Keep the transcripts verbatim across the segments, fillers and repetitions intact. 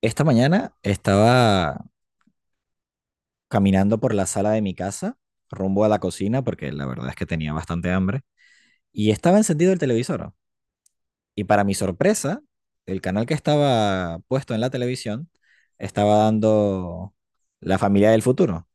Esta mañana estaba caminando por la sala de mi casa, rumbo a la cocina, porque la verdad es que tenía bastante hambre, y estaba encendido el televisor. Y para mi sorpresa, el canal que estaba puesto en la televisión estaba dando La familia del futuro.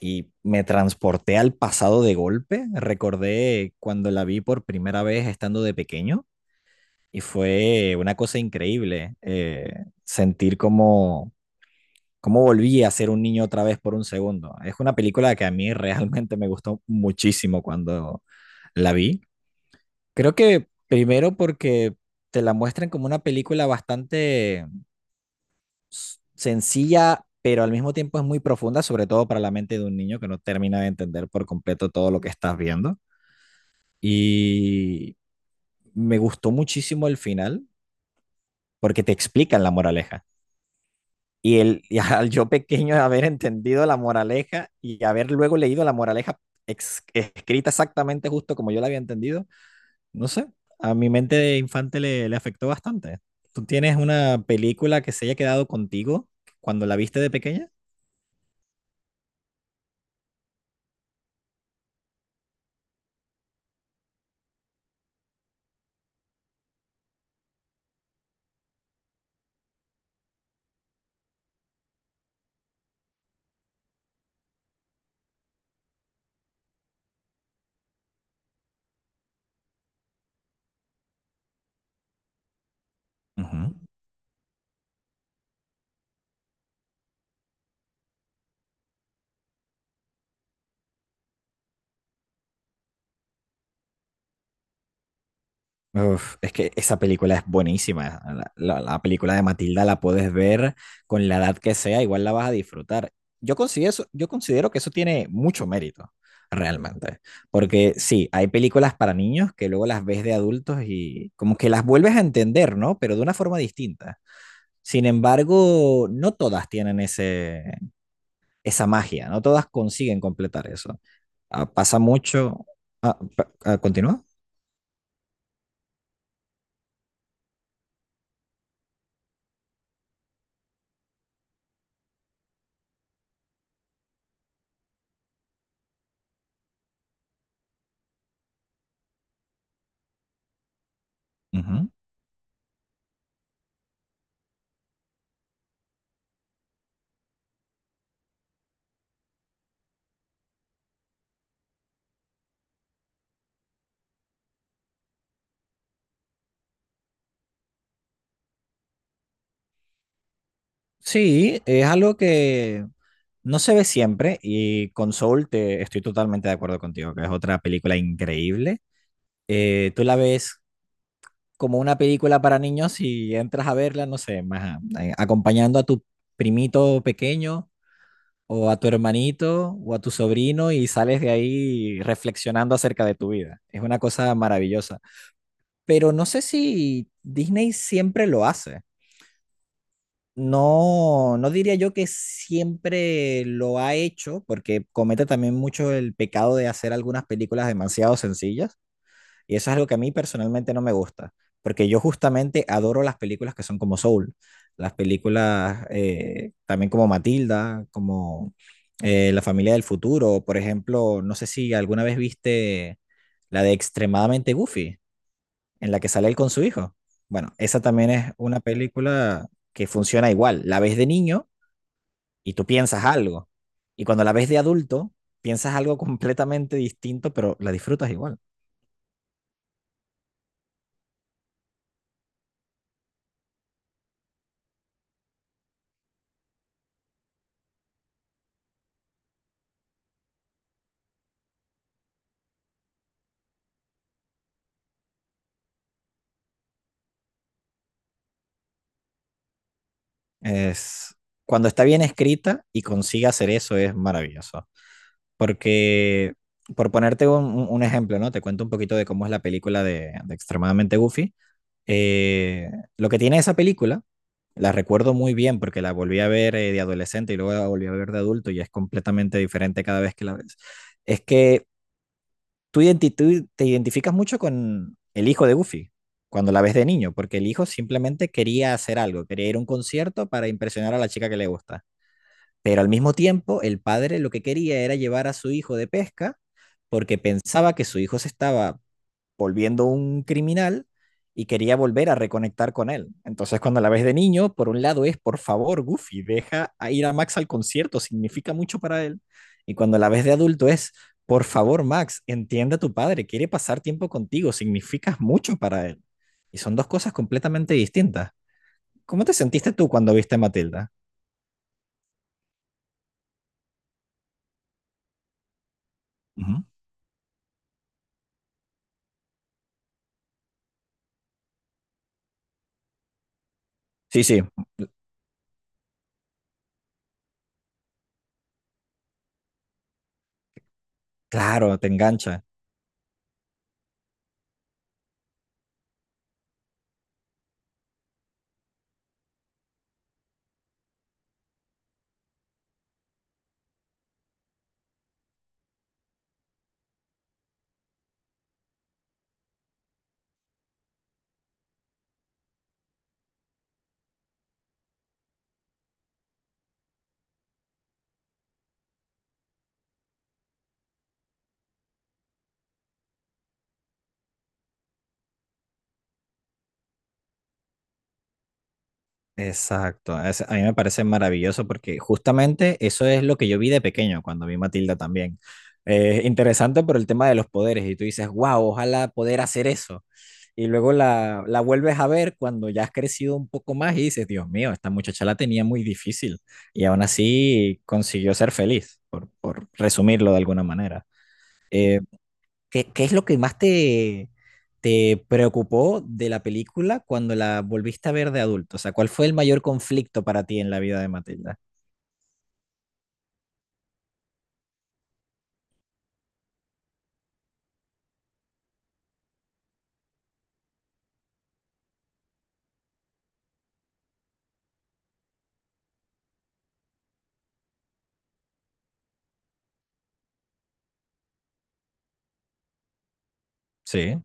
Y me transporté al pasado de golpe. Recordé cuando la vi por primera vez estando de pequeño, y fue una cosa increíble eh, sentir como cómo volví a ser un niño otra vez por un segundo. Es una película que a mí realmente me gustó muchísimo cuando la vi. Creo que primero porque te la muestran como una película bastante s- sencilla, pero al mismo tiempo es muy profunda, sobre todo para la mente de un niño que no termina de entender por completo todo lo que estás viendo. Y me gustó muchísimo el final porque te explican la moraleja. Y, el, y al yo pequeño de haber entendido la moraleja y haber luego leído la moraleja ex- escrita exactamente justo como yo la había entendido, no sé, a mi mente de infante le, le afectó bastante. ¿Tú tienes una película que se haya quedado contigo cuando la viste de pequeña? Ujú. Uf, es que esa película es buenísima. La, la- la película de Matilda la puedes ver con la edad que sea, igual la vas a disfrutar. Yo considero eso- yo considero que eso tiene mucho mérito, realmente. Porque sí, hay películas para niños que luego las ves de adultos y como que las vuelves a entender, ¿no? Pero de una forma distinta. Sin embargo, no todas tienen ese, esa magia, no todas consiguen completar eso. Ah, pasa mucho. Ah, pa- ah, ¿continúa? Ujú. Sí, es algo que no se ve siempre, y con Soul, te, estoy totalmente de acuerdo contigo, que es otra película increíble. Eh, tú la ves como una película para niños y entras a verla, no sé, más a- eh, acompañando a tu primito pequeño o a tu hermanito o a tu sobrino y sales de ahí reflexionando acerca de tu vida. Es una cosa maravillosa. Pero no sé si Disney siempre lo hace. No, no diría yo que siempre lo ha hecho, porque comete también mucho el pecado de hacer algunas películas demasiado sencillas, y eso es algo que a mí personalmente no me gusta, porque yo justamente adoro las películas que son como Soul, las películas eh, también como Matilda, como eh, La familia del futuro, por ejemplo, no sé si alguna vez viste la de Extremadamente Goofy en la que sale él con su hijo. Bueno, esa también es una película que funciona igual. La ves de niño y tú piensas algo. Y cuando la ves de adulto, piensas algo completamente distinto, pero la disfrutas igual. Es cuando está bien escrita y consigue hacer eso es maravilloso. Porque, por ponerte un, un- un ejemplo, ¿no? Te cuento un poquito de cómo es la película de, de Extremadamente Goofy. Eh, lo que tiene esa película, la recuerdo muy bien porque la volví a ver eh, de adolescente y luego la volví a ver de adulto y es completamente diferente cada vez que la ves, es que tú, identi- tú te identificas mucho con el hijo de Goofy cuando la ves de niño, porque el hijo simplemente quería hacer algo, quería ir a un concierto para impresionar a la chica que le gusta. Pero al mismo tiempo, el padre lo que quería era llevar a su hijo de pesca porque pensaba que su hijo se estaba volviendo un criminal y quería volver a reconectar con él. Entonces, cuando la ves de niño, por un lado es, por favor, Goofy, deja a ir a Max al concierto, significa mucho para él. Y cuando la ves de adulto es, por favor, Max, entiende a tu padre, quiere pasar tiempo contigo, significas mucho para él. Y son dos cosas completamente distintas. ¿Cómo te sentiste tú cuando viste a Matilda? Ujú. Sí, sí, claro, te engancha. Exacto, es- a mí me parece maravilloso porque justamente eso es lo que yo vi de pequeño cuando vi Matilda también. Eh, interesante por el tema de los poderes y tú dices, wow, ojalá poder hacer eso. Y luego la, la vuelves a ver cuando ya has crecido un poco más y dices, Dios mío, esta muchacha la tenía muy difícil y aún así consiguió ser feliz, por, por resumirlo de alguna manera. Eh, ¿Qué, qué es lo que más te, te preocupó de la película cuando la volviste a ver de adulto? O sea, ¿cuál fue el mayor conflicto para ti en la vida de Matilda? Sí,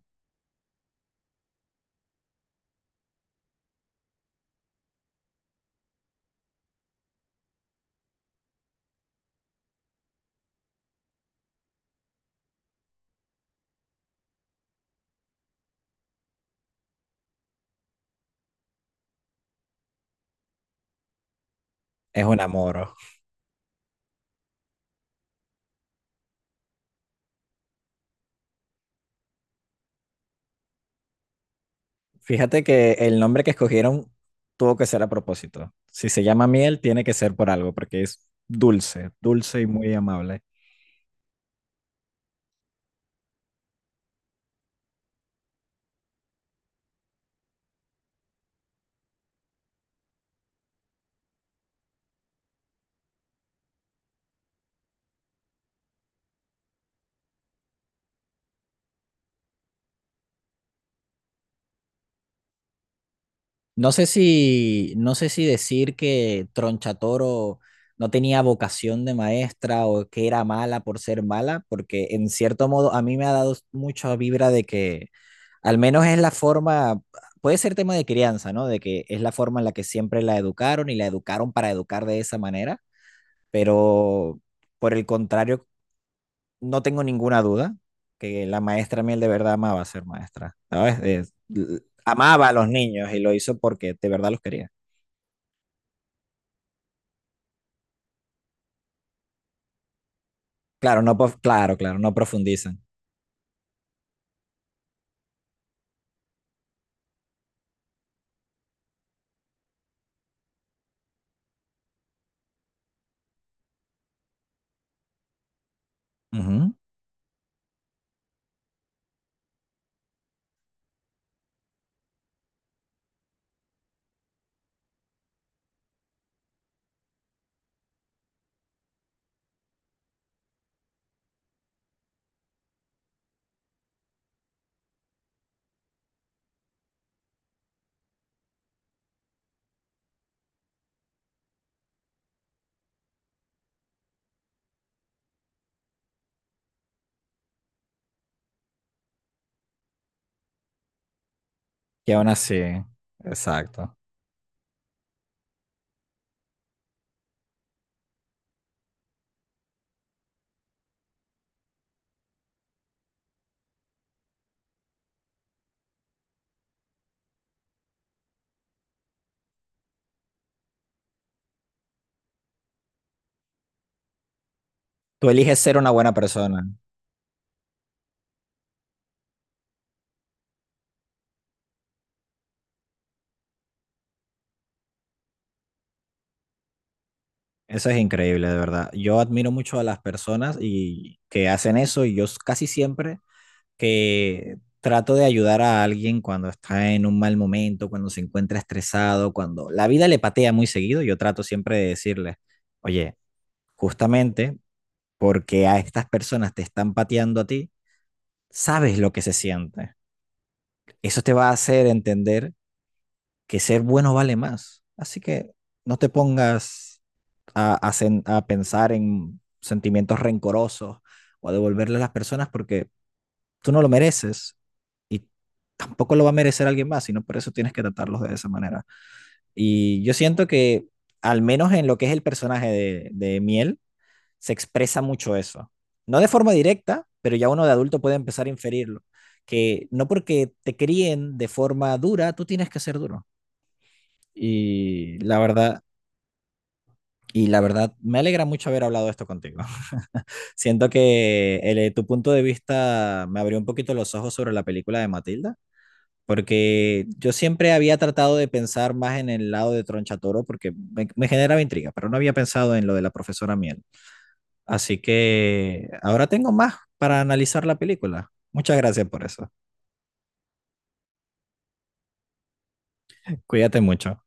es un amor. Fíjate que el nombre que escogieron tuvo que ser a propósito. Si se llama Miel, tiene que ser por algo, porque es dulce, dulce y muy amable. No sé si, no sé si decir que Tronchatoro no tenía vocación de maestra o que era mala por ser mala, porque en cierto modo a mí me ha dado mucha vibra de que al menos es la forma, puede ser tema de crianza, ¿no? De que es la forma en la que siempre la educaron y la educaron para educar de esa manera, pero por el contrario, no tengo ninguna duda que la maestra Miel de verdad amaba ser maestra, ¿sabes? Es, amaba a los niños y lo hizo porque de verdad los quería. Claro, no, pof- claro, claro, no profundizan. Ujú. Y aún así, exacto. Tú eliges ser una buena persona. Eso es increíble, de verdad. Yo admiro mucho a las personas y que hacen eso, y yo s- casi siempre que trato de ayudar a alguien cuando está en un mal momento, cuando se encuentra estresado, cuando la vida le patea muy seguido, yo trato siempre de decirle, oye, justamente porque a estas personas te están pateando a ti, sabes lo que se siente. Eso te va a hacer entender que ser bueno vale más. Así que no te pongas a, a, sen- a pensar en sentimientos rencorosos o a devolverle a las personas porque tú no lo mereces, y tampoco lo va a merecer alguien más, sino por eso tienes que tratarlos de esa manera. Y yo siento que, al menos en lo que es el personaje de, de Miel, se expresa mucho eso. No de forma directa, pero ya uno de adulto puede empezar a inferirlo. Que no porque te críen de forma dura, tú tienes que ser duro. Y la verdad, Y la verdad, me alegra mucho haber hablado esto contigo. Siento que el- tu punto de vista me abrió un poquito los ojos sobre la película de Matilda, porque yo siempre había tratado de pensar más en el lado de Tronchatoro, porque me, me generaba intriga, pero no había pensado en lo de la profesora Miel. Así que ahora tengo más para analizar la película. Muchas gracias por eso. Cuídate mucho.